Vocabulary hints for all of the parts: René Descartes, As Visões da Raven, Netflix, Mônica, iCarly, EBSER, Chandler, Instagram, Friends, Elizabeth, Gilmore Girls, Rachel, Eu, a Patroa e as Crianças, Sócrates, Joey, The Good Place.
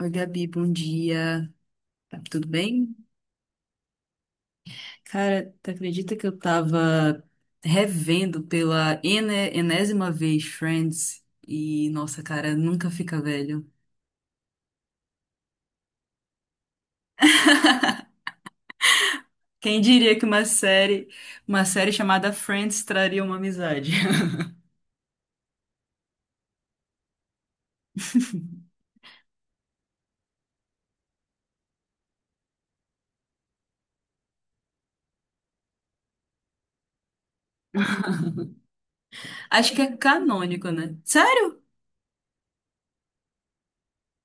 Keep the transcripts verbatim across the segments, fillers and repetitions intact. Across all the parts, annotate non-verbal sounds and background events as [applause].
Oi, Gabi, bom dia. Tá tudo bem? Cara, tu acredita que eu tava revendo pela ene- enésima vez Friends e, nossa, cara, nunca fica velho. Quem diria que uma série, uma série chamada Friends traria uma amizade? [laughs] Acho que é canônico, né? Sério?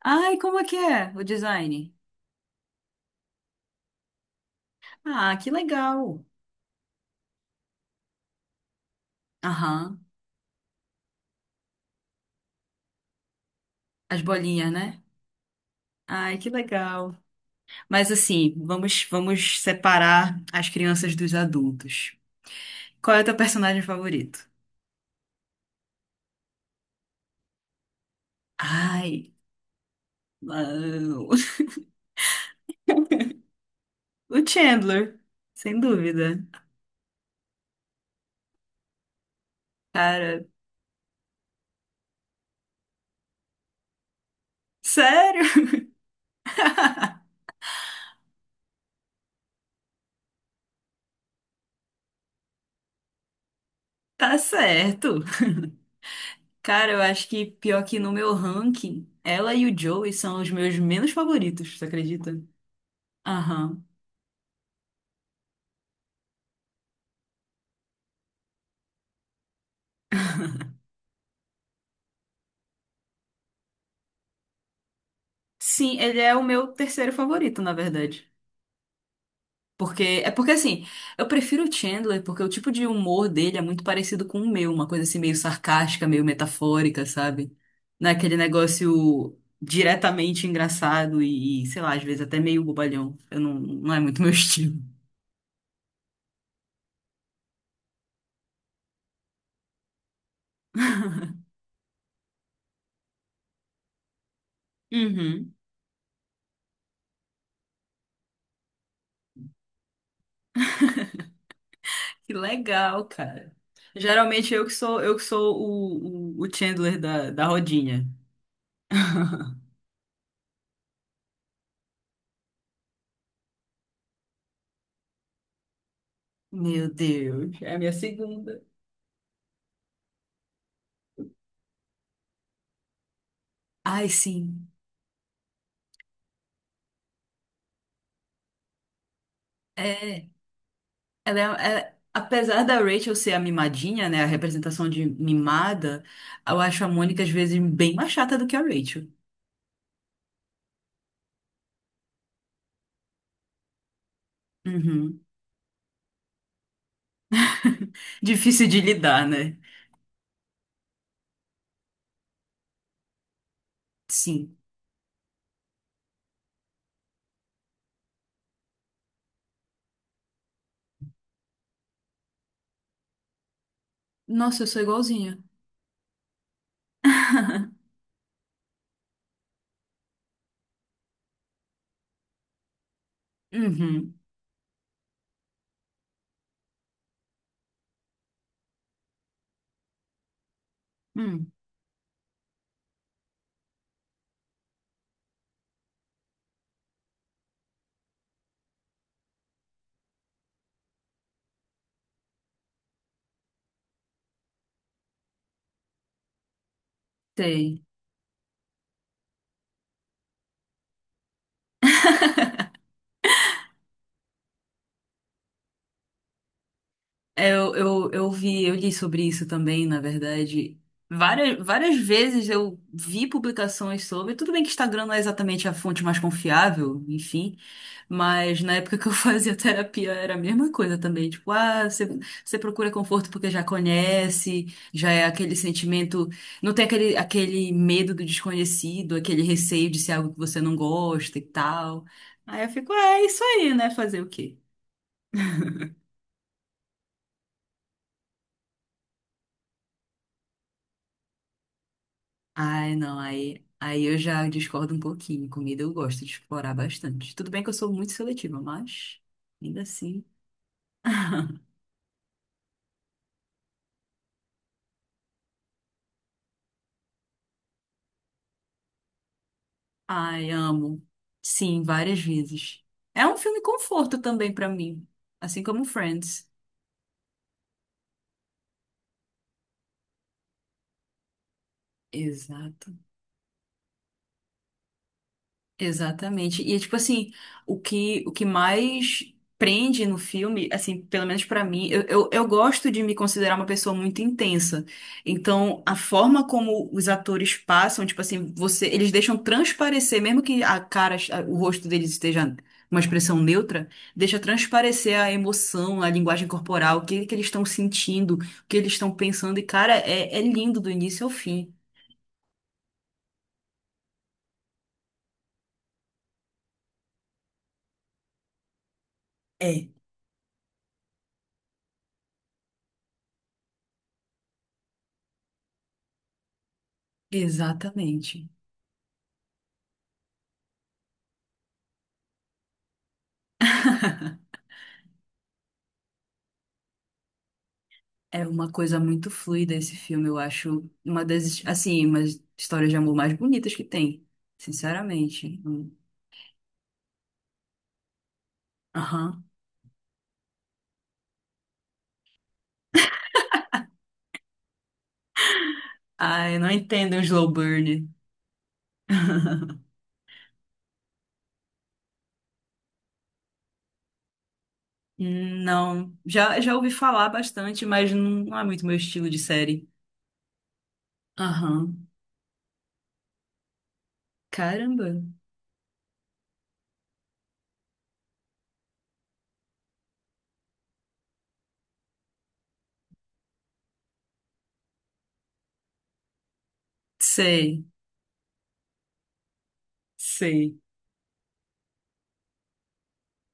Ai, como é que é o design? Ah, que legal. Aham. As bolinhas, né? Ai, que legal. Mas assim, vamos, vamos separar as crianças dos adultos. Qual é o teu personagem favorito? Ai, não. [laughs] O Chandler, sem dúvida. Cara, sério? [laughs] Tá certo. Cara, eu acho que pior que no meu ranking, ela e o Joey são os meus menos favoritos, você acredita? Aham. Sim, ele é o meu terceiro favorito, na verdade. Porque, é porque assim, eu prefiro o Chandler porque o tipo de humor dele é muito parecido com o meu, uma coisa assim meio sarcástica, meio metafórica, sabe? Não é aquele negócio diretamente engraçado e, e, sei lá, às vezes até meio bobalhão. Eu não, não é muito [laughs] meu estilo. Uhum. Que legal, cara. Geralmente eu que sou, eu que sou o, o, o Chandler da, da rodinha. Meu Deus, é a minha segunda. Ai, sim. É. Ela é- né, é- apesar da Rachel ser a mimadinha, né, a representação de mimada, eu acho a Mônica às vezes bem mais chata do que a Rachel. Uhum. Difícil de lidar, né? Sim. Nossa, eu sou igualzinha. [laughs] Uhum. Hum, sei. É. Eu, eu, eu vi, eu li sobre isso também, na verdade. Várias, várias vezes eu vi publicações sobre. Tudo bem que Instagram não é exatamente a fonte mais confiável, enfim. Mas na época que eu [laughs] fazia terapia era a mesma coisa também. Tipo, ah, você, você procura conforto porque já conhece, já é aquele sentimento. Não tem aquele, aquele medo do desconhecido, aquele receio de ser algo que você não gosta e tal. Aí eu fico, é isso aí, né? Fazer o quê? Ai, não, aí, aí eu já discordo um pouquinho. Comida eu gosto de explorar bastante. Tudo bem que eu sou muito seletiva, mas ainda assim. [laughs] Ai, amo. Sim, várias vezes. É um filme conforto também pra mim, assim como Friends. Exato. Exatamente. E é, tipo assim, o que o que mais prende no filme, assim, pelo menos pra mim, eu, eu, eu gosto de me considerar uma pessoa muito intensa. Então, a forma como os atores passam, tipo assim, você, eles deixam transparecer, mesmo que a cara, a- o rosto deles esteja uma expressão neutra, deixa transparecer a emoção, a linguagem corporal, o que que eles estão sentindo, o que eles estão pensando. E cara, é, é lindo do início ao fim. É, exatamente. É uma coisa muito fluida esse filme, eu acho uma das, assim, umas histórias de amor mais bonitas que tem, sinceramente. Hum. Aham. Ah, eu não entendo o slow burn. Hum, Não, já, já ouvi falar bastante, mas não, não é muito meu estilo de série. Aham. Caramba. Sei, sei.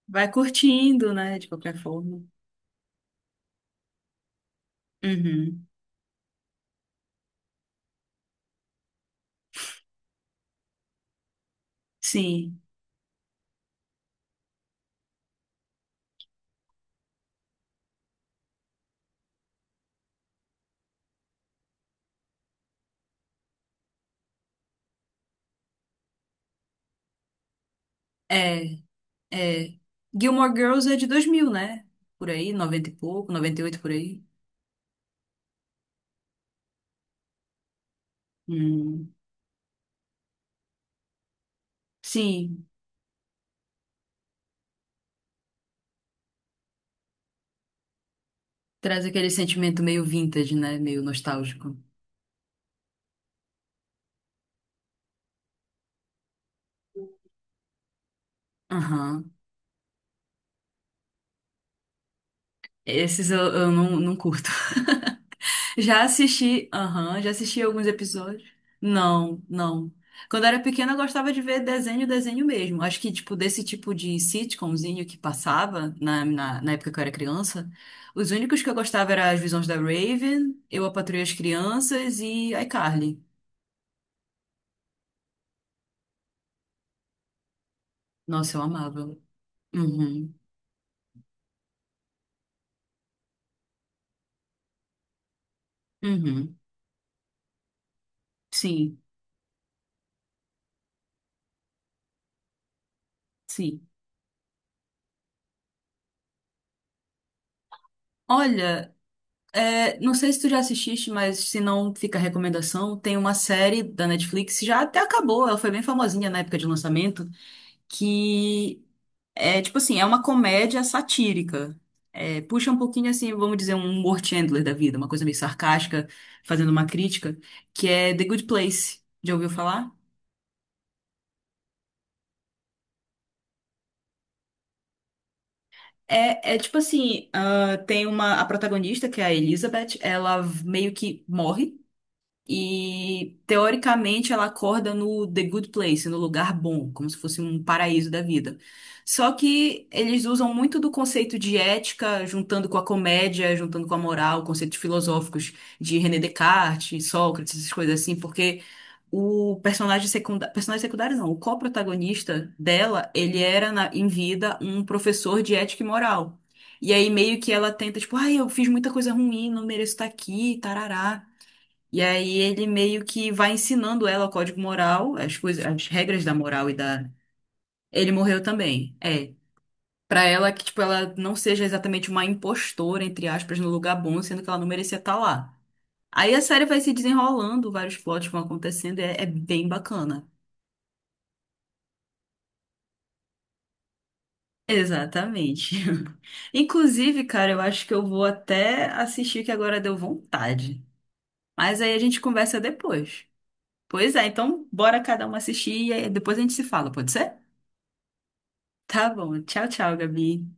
Vai curtindo, né, de qualquer forma. Uhum. Sim. É, é. Gilmore Girls é de dois mil, né? Por aí, noventa e pouco, noventa e oito por aí. Hum. Sim, traz aquele sentimento meio vintage, né? Meio nostálgico. Aham. Esses eu, eu não, não curto. [laughs] Já assisti, aham, já assisti alguns episódios. Não, não. Quando eu era pequena, eu gostava de ver desenho, desenho mesmo. Acho que, tipo, desse tipo de sitcomzinho que passava na, na, na época que eu era criança, os únicos que eu gostava eram As Visões da Raven, Eu, a Patroa e as Crianças e iCarly. Nossa, eu amava. Uhum, uhum. Sim, sim. Olha, é, não sei se tu já assististe, mas se não fica a recomendação, tem uma série da Netflix, já até acabou, ela foi bem famosinha na época de lançamento, que é tipo assim, é uma comédia satírica. É, puxa um pouquinho assim, vamos dizer, um humor Chandler da vida, uma coisa meio sarcástica, fazendo uma crítica, que é The Good Place. Já ouviu falar? É, é tipo assim, ah, tem uma, a protagonista, que é a Elizabeth, ela meio que morre. E teoricamente ela acorda no The Good Place, no lugar bom, como se fosse um paraíso da vida. Só que eles usam muito do conceito de ética, juntando com a comédia, juntando com a moral, conceitos filosóficos de René Descartes, Sócrates, essas coisas assim, porque o personagem secundário, personagem secundário não, o co-protagonista dela, ele era na- em vida um professor de ética e moral. E aí meio que ela tenta, tipo, ai, eu fiz muita coisa ruim, não mereço estar aqui, tarará. E aí ele meio que vai ensinando ela o código moral, as coisas, as regras da moral e da. Ele morreu também. É. Pra ela que, tipo, ela não seja exatamente uma impostora, entre aspas, no lugar bom, sendo que ela não merecia estar lá. Aí a série vai se desenrolando, vários plots vão acontecendo, e é, é bem bacana. Exatamente. [laughs] Inclusive, cara, eu acho que eu vou até assistir que agora deu vontade. Mas aí a gente conversa depois. Pois é, então bora cada um assistir e aí depois a gente se fala, pode ser? Tá bom. Tchau, tchau, Gabi.